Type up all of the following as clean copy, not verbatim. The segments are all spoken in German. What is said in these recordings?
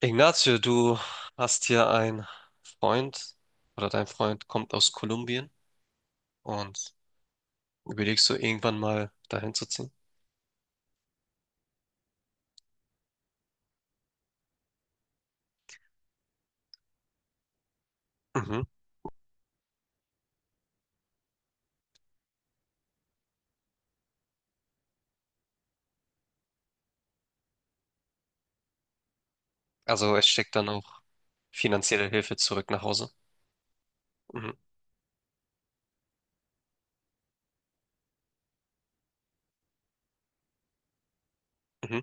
Ignacio, du hast hier einen Freund oder dein Freund kommt aus Kolumbien und überlegst du irgendwann mal dahin zu ziehen? Mhm. Also es steckt dann auch finanzielle Hilfe zurück nach Hause. Mhm. Mhm.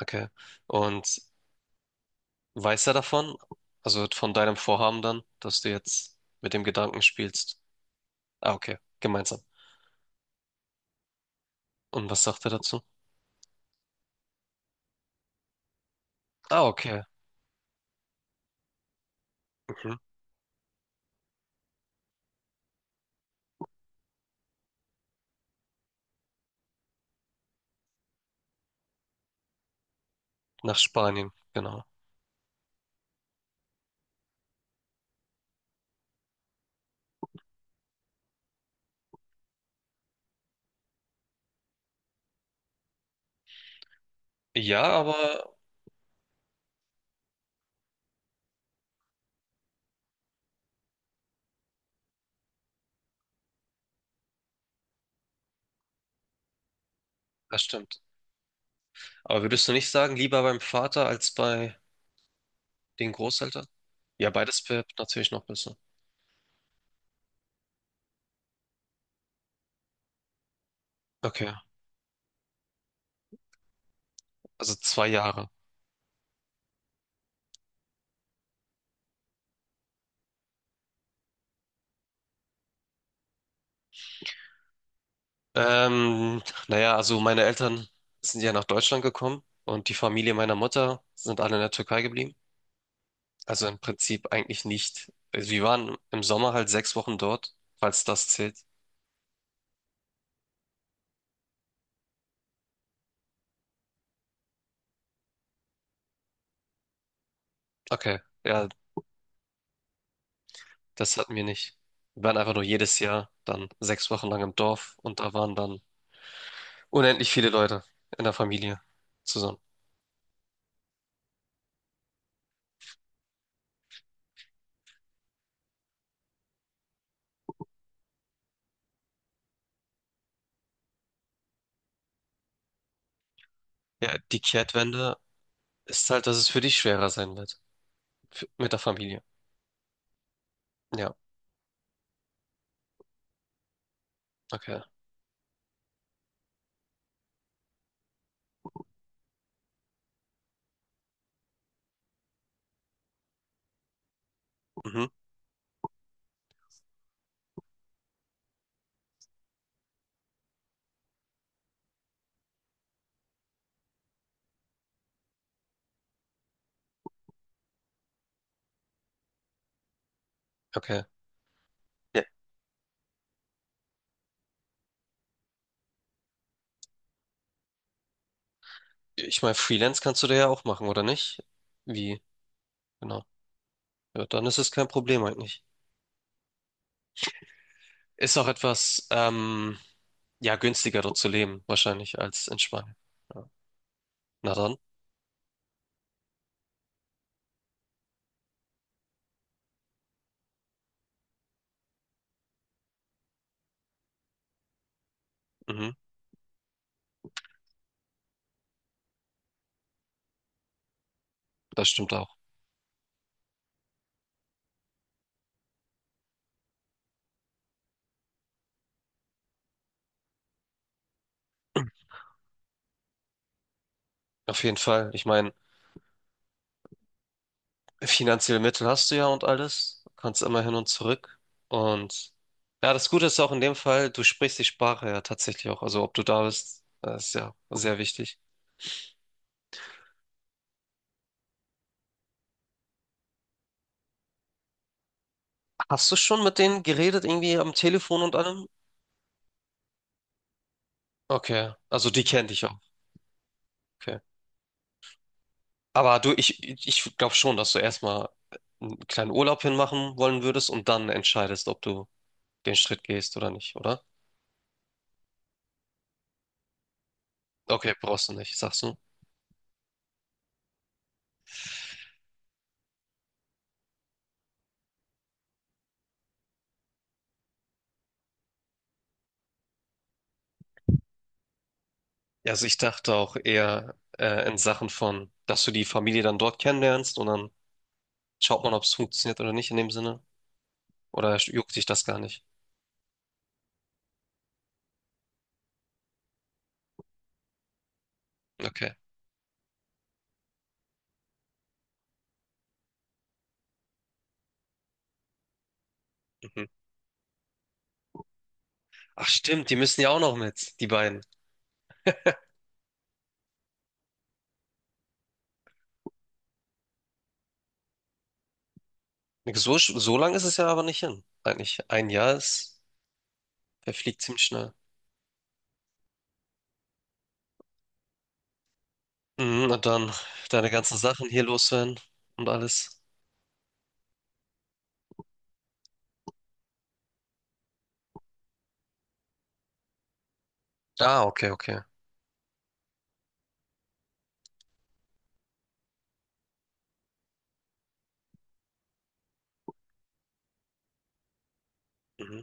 Okay. Und weiß er davon? Also von deinem Vorhaben dann, dass du jetzt mit dem Gedanken spielst. Ah, okay. Gemeinsam. Und was sagt er dazu? Ah, okay. Mhm. Nach Spanien, genau. Ja, aber das stimmt. Aber würdest du nicht sagen, lieber beim Vater als bei den Großeltern? Ja, beides wird natürlich noch besser. Okay, also 2 Jahre. Ähm, naja, also meine Eltern sind ja nach Deutschland gekommen und die Familie meiner Mutter sind alle in der Türkei geblieben. Also im Prinzip eigentlich nicht. Also wir waren im Sommer halt 6 Wochen dort, falls das zählt. Okay, ja, das hatten wir nicht. Wir waren einfach nur jedes Jahr dann 6 Wochen lang im Dorf und da waren dann unendlich viele Leute in der Familie zusammen. Ja, die Kehrtwende ist halt, dass es für dich schwerer sein wird. Mit der Familie. Ja, okay. Mhm. Okay. Ja, ich meine, Freelance kannst du da ja auch machen, oder nicht? Wie? Genau. Ja, dann ist es kein Problem eigentlich. Ist auch etwas, ja, günstiger dort zu leben, wahrscheinlich, als in Spanien. Ja. Na dann, mhm. Das stimmt auch. Auf jeden Fall. Ich meine, finanzielle Mittel hast du ja und alles. Kannst immer hin und zurück. Und ja, das Gute ist auch in dem Fall, du sprichst die Sprache ja tatsächlich auch. Also, ob du da bist, das ist ja sehr wichtig. Hast du schon mit denen geredet, irgendwie am Telefon und allem? Okay, also die kennt ich auch. Okay. Aber ich glaube schon, dass du erstmal einen kleinen Urlaub hinmachen wollen würdest und dann entscheidest, ob du den Schritt gehst oder nicht, oder? Okay, brauchst du nicht, sagst du. Ja, also ich dachte auch eher in Sachen von, dass du die Familie dann dort kennenlernst und dann schaut man, ob es funktioniert oder nicht in dem Sinne. Oder juckt dich das gar nicht? Okay. Mhm. Ach stimmt, die müssen ja auch noch mit, die beiden. So lang ist es ja aber nicht hin. Eigentlich ein Jahr ist, verfliegt ziemlich schnell. Mhm, und dann deine ganzen Sachen hier loswerden und alles. Ah, okay, okay. Mhm.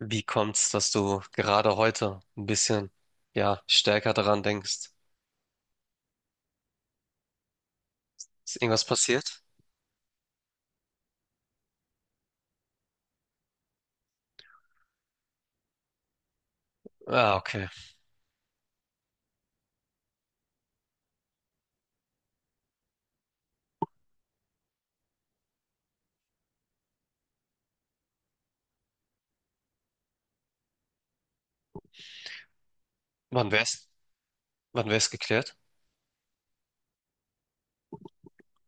Wie kommt's, dass du gerade heute ein bisschen, ja, stärker daran denkst? Ist irgendwas passiert? Ah, okay. Wann wär's, wann wär's geklärt?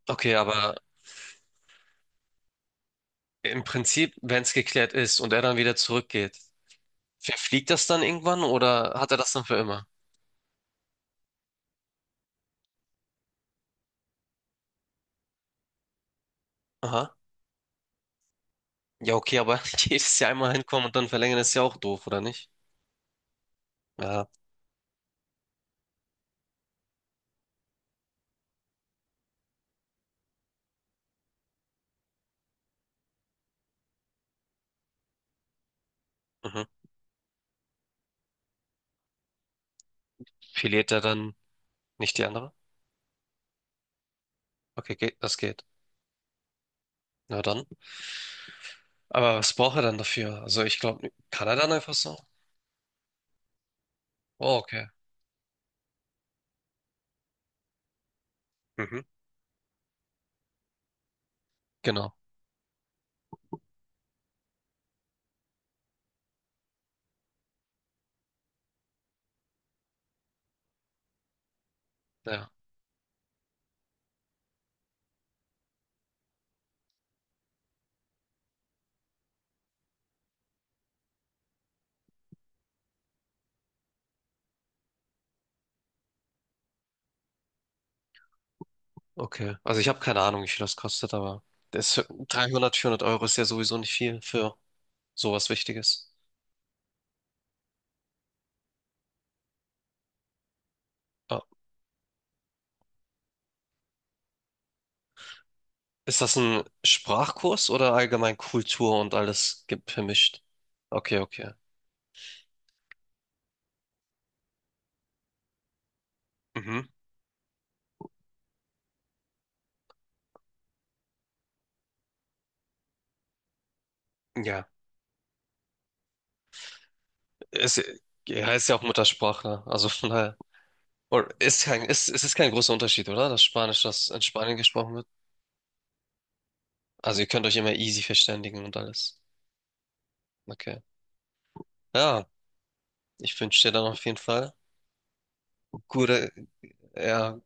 Okay, aber im Prinzip, wenn es geklärt ist und er dann wieder zurückgeht, verfliegt das dann irgendwann oder hat er das dann für immer? Aha. Ja, okay, aber jedes Jahr einmal hinkommen und dann verlängern ist ja auch doof, oder nicht? Ja, mhm. Verliert er dann nicht die andere? Okay, geht, das geht. Na dann. Aber was braucht er dann dafür? Also ich glaube, kann er dann einfach so? Oh, okay. Mhm. Genau. Ja, okay. Also ich habe keine Ahnung, wie viel das kostet, aber das 300, 400 Euro ist ja sowieso nicht viel für sowas Wichtiges. Ah, ist das ein Sprachkurs oder allgemein Kultur und alles vermischt? Okay, okay. Mhm. Ja. Es heißt ja auch Muttersprache, also von daher. Oder ist kein, ist, es ist kein großer Unterschied, oder? Das Spanisch, das in Spanien gesprochen wird. Also ihr könnt euch immer easy verständigen und alles. Okay. Ja, ich wünsche dir dann auf jeden Fall gute, ja,